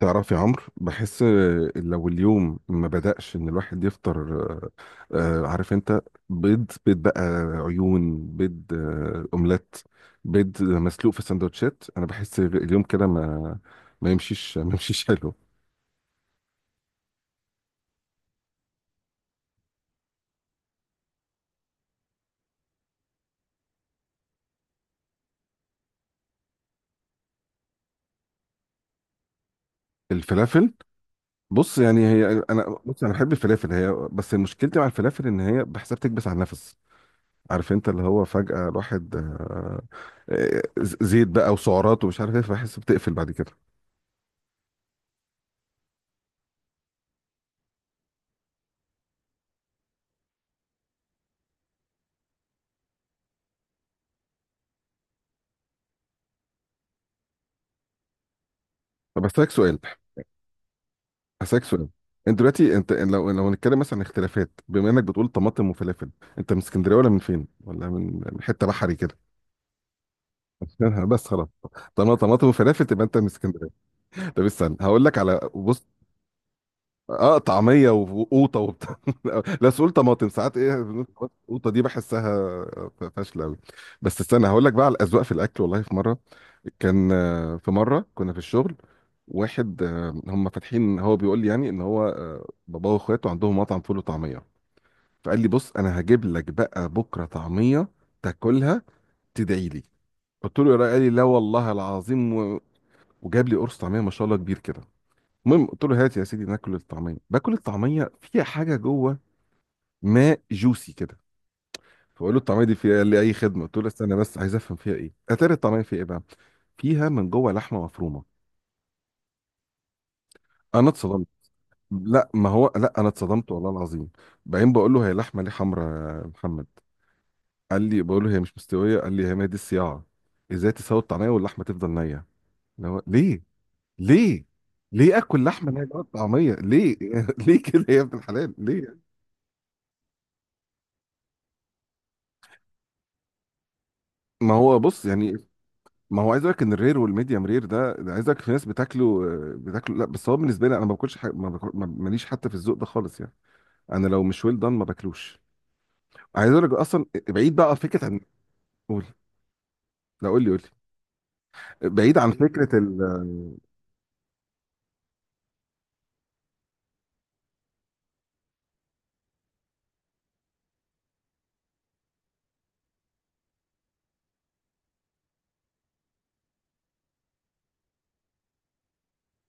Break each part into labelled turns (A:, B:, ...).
A: تعرف يا عمرو، بحس لو اليوم ما بدأش ان الواحد يفطر عارف انت. بيض بقى، عيون، بيض اومليت، بيض مسلوق في سندوتشات. انا بحس اليوم كده ما يمشيش حلو. الفلافل، بص يعني هي، انا بحب الفلافل، هي بس مشكلتي مع الفلافل ان هي بحسها بتكبس على النفس. عارف انت اللي هو فجأة الواحد آه، زيت بقى وسعرات ومش عارف ايه، فبحس بتقفل بعد كده. بس لك سؤال، هسألك سؤال. انت دلوقتي، انت لو هنتكلم مثلا عن اختلافات، بما انك بتقول طماطم وفلافل، انت من اسكندريه ولا من فين؟ ولا من حته بحري كده؟ بس خلاص. طالما طماطم وفلافل تبقى انت من اسكندريه. طب استنى هقول لك على، بص، اه طعميه وقوطه وبتاع. لا سؤال، طماطم ساعات ايه بنقول القوطه، دي بحسها فاشله قوي. بس استنى هقول لك بقى على الاذواق في الاكل. والله في مره كان، في مره كنا في الشغل واحد، هم فاتحين، هو بيقول لي يعني ان هو باباه واخواته عندهم مطعم فول وطعميه، فقال لي بص انا هجيب لك بقى بكره طعميه تاكلها تدعي لي. قلت له يا راجل، قال لي لا والله العظيم وجاب لي قرص طعميه ما شاء الله كبير كده. المهم قلت له هات يا سيدي ناكل الطعميه. باكل الطعميه، فيها حاجه جوه ماء جوسي كده. فقول له الطعميه دي فيها، قال لي اي خدمه. قلت له استنى بس عايز افهم فيها ايه. اتاري الطعميه فيها ايه بقى؟ فيها من جوه لحمه مفرومه. انا اتصدمت. لا ما هو، لا انا اتصدمت والله العظيم. بعدين بقول له هي لحمه ليه حمراء يا محمد؟ قال لي، بقول له هي مش مستويه، قال لي هي ما دي الصياعه. ازاي تسوي الطعميه واللحمه تفضل نيه؟ اللي هو ليه؟ ليه؟ ليه اكل لحمه نيه جوه الطعميه ليه؟ ليه كده يا ابن الحلال ليه؟ ما هو بص يعني، ما هو عايز اقول لك ان الرير والميديم رير، ده عايز اقول لك في ناس بتاكله بتاكله، لا بس هو بالنسبه لي انا ما باكلش حاجه، ما باكل، ماليش حتى في الذوق ده خالص يعني. انا لو مش ويل دان ما باكلوش. عايز اقول لك اصلا بعيد بقى فكره عن، قول. لا قول لي، قول لي بعيد عن فكره ال... آه،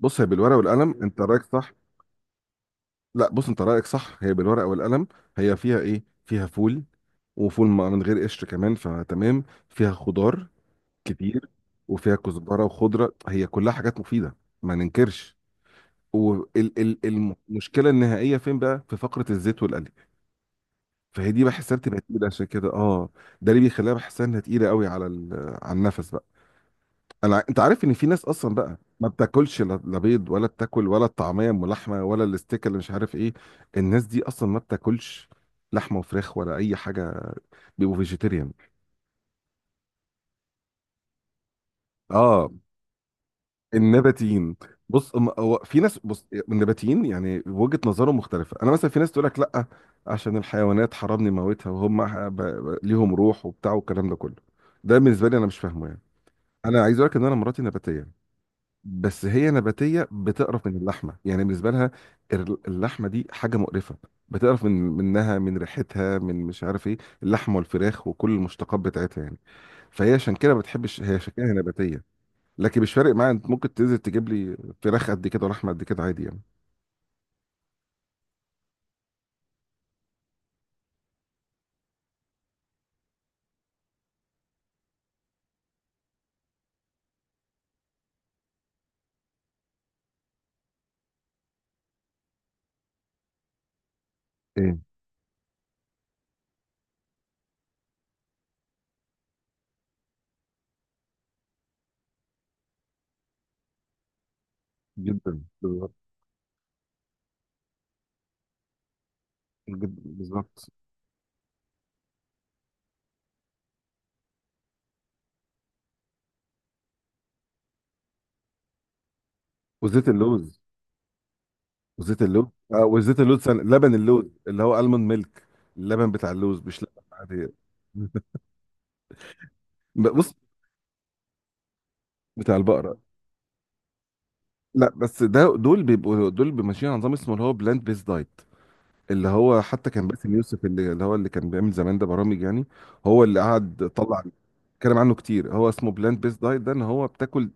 A: بص هي بالورقه والقلم انت رايك صح. لا بص، انت رايك صح، هي بالورقه والقلم، هي فيها ايه؟ فيها فول، وفول من غير قشر كمان، فتمام. فيها خضار كتير، وفيها كزبره وخضره، هي كلها حاجات مفيده، ما ننكرش. والمشكله النهائيه فين بقى؟ في فقره الزيت والقلي. فهي دي بحسها بتبقى تقيله، عشان كده اه، ده اللي بيخليها بحسها انها تقيله قوي على على النفس بقى. انا انت عارف ان في ناس اصلا بقى ما بتاكلش لا، لا بيض ولا بتاكل ولا الطعميه ام لحمه ولا الاستيك اللي مش عارف ايه. الناس دي اصلا ما بتاكلش لحمه وفراخ ولا اي حاجه، بيبقوا فيجيتيريان. اه النباتيين. بص هو في ناس، بص، النباتيين يعني وجهة نظرهم مختلفة. انا مثلا في ناس تقول لك لا عشان الحيوانات حرمني موتها، وهم ليهم روح وبتاع والكلام ده كله. ده بالنسبة لي انا مش فاهمه يعني. انا عايز اقول لك ان انا مراتي نباتية. بس هي نباتية بتقرف من اللحمة، يعني بالنسبة لها اللحمة دي حاجة مقرفة، بتقرف من، منها، من ريحتها، من مش عارف ايه، اللحمة والفراخ وكل المشتقات بتاعتها يعني. فهي عشان كده ما بتحبش، هي عشان كده هي نباتية. لكن مش فارق معايا، انت ممكن تنزل تجيب لي فراخ قد كده ولحمه قد كده عادي يعني. ايه؟ جدا بالظبط، جدا بالظبط. وزيت اللوز، وزيت اللوز. اه وزيت اللوز، لبن اللوز اللي هو المون ميلك، اللبن بتاع اللوز مش لبن عادي. بص، بتاع البقره. لا بس ده، دول بيبقوا، دول بيبقوا ماشيين على نظام اسمه اللي هو بلاند بيس دايت. اللي هو حتى كان باسم يوسف اللي هو اللي كان بيعمل زمان ده برامج يعني. هو اللي قعد طلع اتكلم عنه كتير. هو اسمه بلاند بيس دايت، ده ان هو بتاكل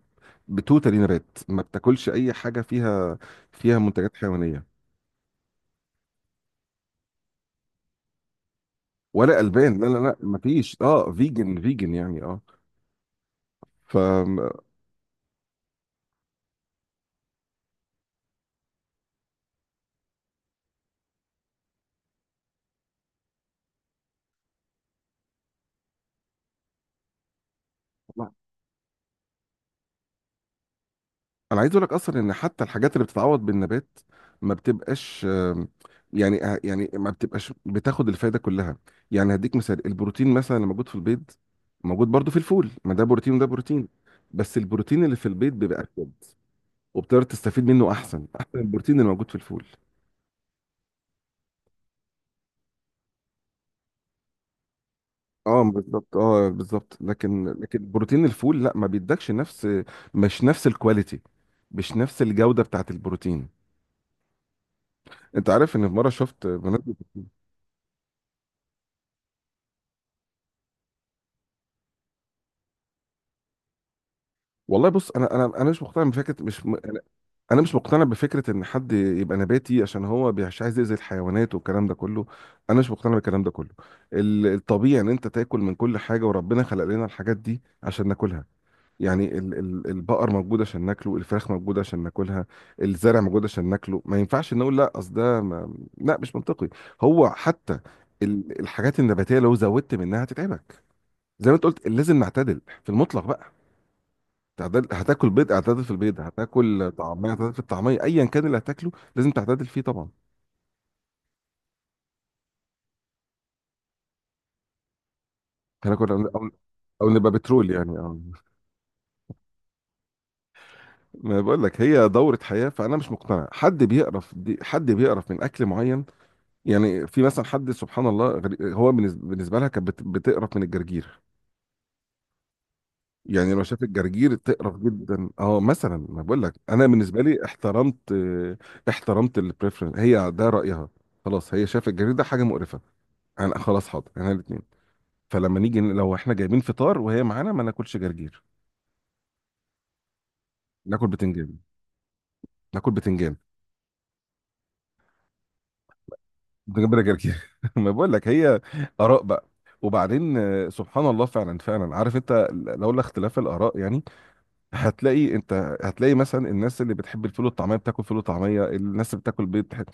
A: بتوتالي نبات، ما بتاكلش اي حاجه فيها، فيها منتجات حيوانيه. ولا البان، لا لا لا، ما فيش، اه فيجن فيجن يعني اه. ف لا. انا عايز اقول لك اصلا ان حتى الحاجات اللي بتتعوض بالنبات ما بتبقاش، يعني يعني ما بتبقاش بتاخد الفايده كلها. يعني هديك مثال البروتين مثلا اللي موجود في البيض، موجود برضو في الفول، ما ده بروتين وده بروتين. بس البروتين اللي في البيض بيبقى افيد، وبتقدر تستفيد منه احسن، احسن من البروتين اللي موجود في الفول. اه بالظبط، اه بالظبط. لكن بروتين الفول لا ما بيدكش نفس، مش نفس الكواليتي، مش نفس الجوده بتاعت البروتين. انت عارف ان في مره شفت بنات. والله بص انا، انا مش مقتنع بفكره، مش م- انا، أنا مش مقتنع بفكره ان حد يبقى نباتي عشان هو مش عايز يأذي الحيوانات والكلام ده كله. انا مش مقتنع بالكلام ده كله. الطبيعي ان انت تاكل من كل حاجه، وربنا خلق لنا الحاجات دي عشان ناكلها. يعني البقر موجود عشان ناكله، الفراخ موجودة عشان ناكلها، الزرع موجود عشان ناكله. ما ينفعش نقول لا اصل ده، ما... لا مش منطقي. هو حتى الحاجات النباتية لو زودت منها هتتعبك. زي ما انت قلت، لازم نعتدل في المطلق بقى. تعدل، هتاكل بيض اعتدل في البيض، هتاكل طعمية اعتدل في الطعمية، ايا كان اللي هتاكله لازم تعتدل فيه طبعا. احنا كنا، او أو نبقى بترول يعني اه. ما بقول لك، هي دورة حياة. فانا مش مقتنع حد بيقرف، دي حد بيقرف من اكل معين. يعني في مثلا حد، سبحان الله، هو بالنسبه، بالنسبة لها كانت بتقرف من الجرجير. يعني لو شاف الجرجير تقرف جدا اه مثلا، ما بقول لك انا بالنسبه لي احترمت، احترمت البريفرنس، هي ده رايها، خلاص، هي شايفه الجرجير ده حاجه مقرفه، انا خلاص حاضر انا الاثنين. فلما نيجي لو احنا جايبين فطار وهي معانا ما ناكلش جرجير، ناكل بتنجان. ناكل بتنجان بتنجان بلا جرجير. ما بقول لك هي اراء بقى. وبعدين سبحان الله فعلا، فعلا عارف انت، لولا اختلاف الاراء يعني. هتلاقي انت. هتلاقي مثلا الناس اللي بتحب الفول والطعميه بتاكل فول وطعميه، الناس اللي بتاكل بيض بتحب.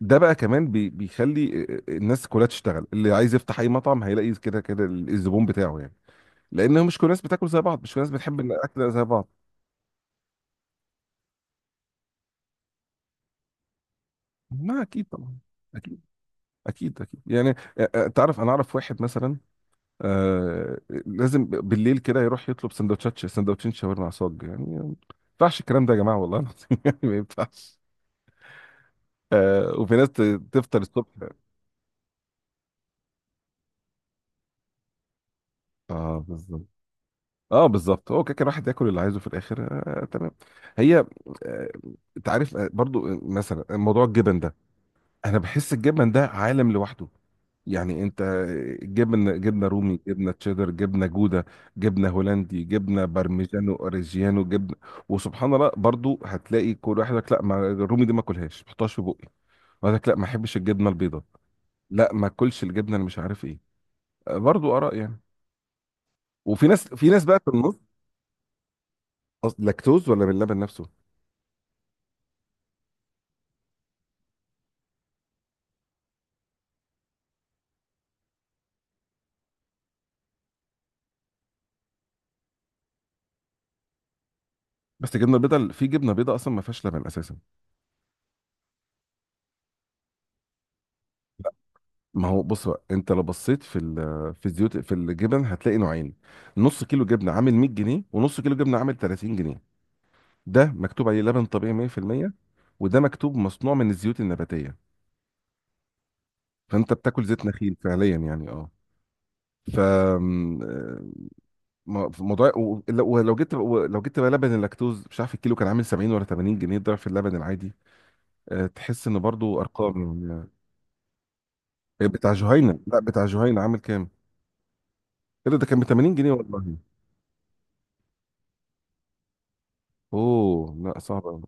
A: ده بقى كمان بيخلي الناس كلها تشتغل، اللي عايز يفتح اي مطعم هيلاقي كده كده الزبون بتاعه يعني، لان مش كل الناس بتاكل زي بعض، مش كل الناس بتحب الاكل زي بعض. ما اكيد طبعا، اكيد، اكيد اكيد يعني. تعرف انا اعرف واحد مثلا، آه، لازم بالليل كده يروح يطلب سندوتشات، سندوتشين شاورما على صاج، يعني ما ينفعش الكلام ده يا جماعه والله العظيم. يعني ما ينفعش. آه وفي ناس تفطر الصبح. اه بالظبط، اه بالظبط، هو كده كده الواحد ياكل اللي عايزه في الاخر. آه تمام. هي آه، انت عارف آه، برضو مثلا موضوع الجبن ده، انا بحس الجبن ده عالم لوحده. يعني انت جبن، جبنه رومي، جبنه تشيدر، جبنه جوده، جبنه هولندي، جبنه بارميجانو اوريجيانو، جبنه. وسبحان الله برضو هتلاقي كل واحد يقول لك لا، ما الرومي دي ما اكلهاش ما احطهاش في بقي. ويقول لك لا ما احبش الجبنه البيضاء. لا ما اكلش الجبنه اللي مش عارف ايه. برضو اراء يعني. وفي ناس، في ناس بقى في النص. لاكتوز ولا من اللبن نفسه؟ بس الجبنه البيضاء، في جبنه بيضاء اصلا ما فيهاش لبن اساسا. ما هو بص بقى، انت لو بصيت في في الزيوت في الجبن هتلاقي نوعين. نص كيلو جبنه عامل 100 جنيه، ونص كيلو جبنه عامل 30 جنيه. ده مكتوب عليه لبن طبيعي 100%، وده مكتوب مصنوع من الزيوت النباتيه، فانت بتاكل زيت نخيل فعليا يعني اه. ف م- موضوع، ولو جبت، لو جبت بقى لبن اللاكتوز، مش عارف الكيلو كان عامل 70 ولا 80 جنيه، ضعف اللبن العادي. تحس ان برضو ارقام يعني. بتاع جهينة، لا بتاع جهينة عامل كام؟ ايه ده، ده كان ب 80 جنيه والله. اوه لا صعب أوي.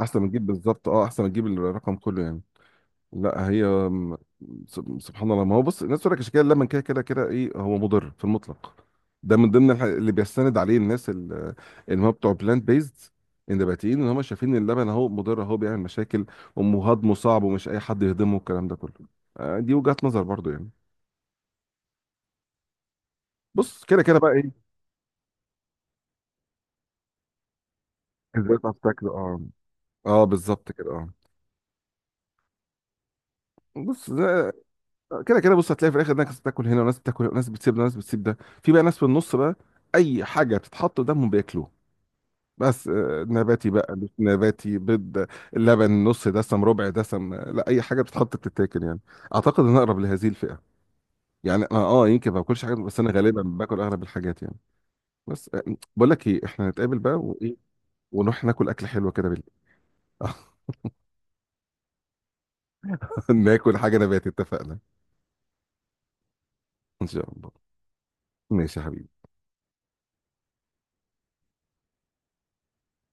A: احسن ما تجيب، بالظبط، اه احسن ما تجيب الرقم كله يعني. لا هي م- سبحان الله. ما هو بص، الناس تقول لك الشكايه لما كده كده كده ايه، هو مضر في المطلق. ده من ضمن اللي بيستند عليه الناس اللي هم بتوع بلانت بيزد، النباتيين، ان هم شايفين إن اللبن اهو مضر، اهو بيعمل مشاكل، وهضمه صعب ومش اي حد يهضمه، الكلام ده كله. دي وجهة نظر برضو يعني. بص كده كده بقى ايه. ازاي تعرف تاكل اه، اه بالظبط كده اه. بص ده، كده كده بص، هتلاقي في الاخر ناس بتاكل هنا وناس بتاكل هنا، وناس بتسيب ده وناس بتسيب ده، في بقى ناس في النص بقى اي حاجه بتتحط قدامهم بياكلوه. بس نباتي بقى مش نباتي، بيض، لبن نص دسم ربع دسم، لا اي حاجه بتتحط بتتاكل يعني. اعتقد ان أنا اقرب لهذه الفئه يعني، انا اه يمكن ما باكلش حاجات بس انا غالبا باكل اغلب الحاجات يعني. بس بقول لك ايه، احنا نتقابل بقى وايه، ونروح ناكل اكل حلو كده بالليل. ناكل حاجه نباتي، اتفقنا، ان شاء الله. ماشي يا حبيبي.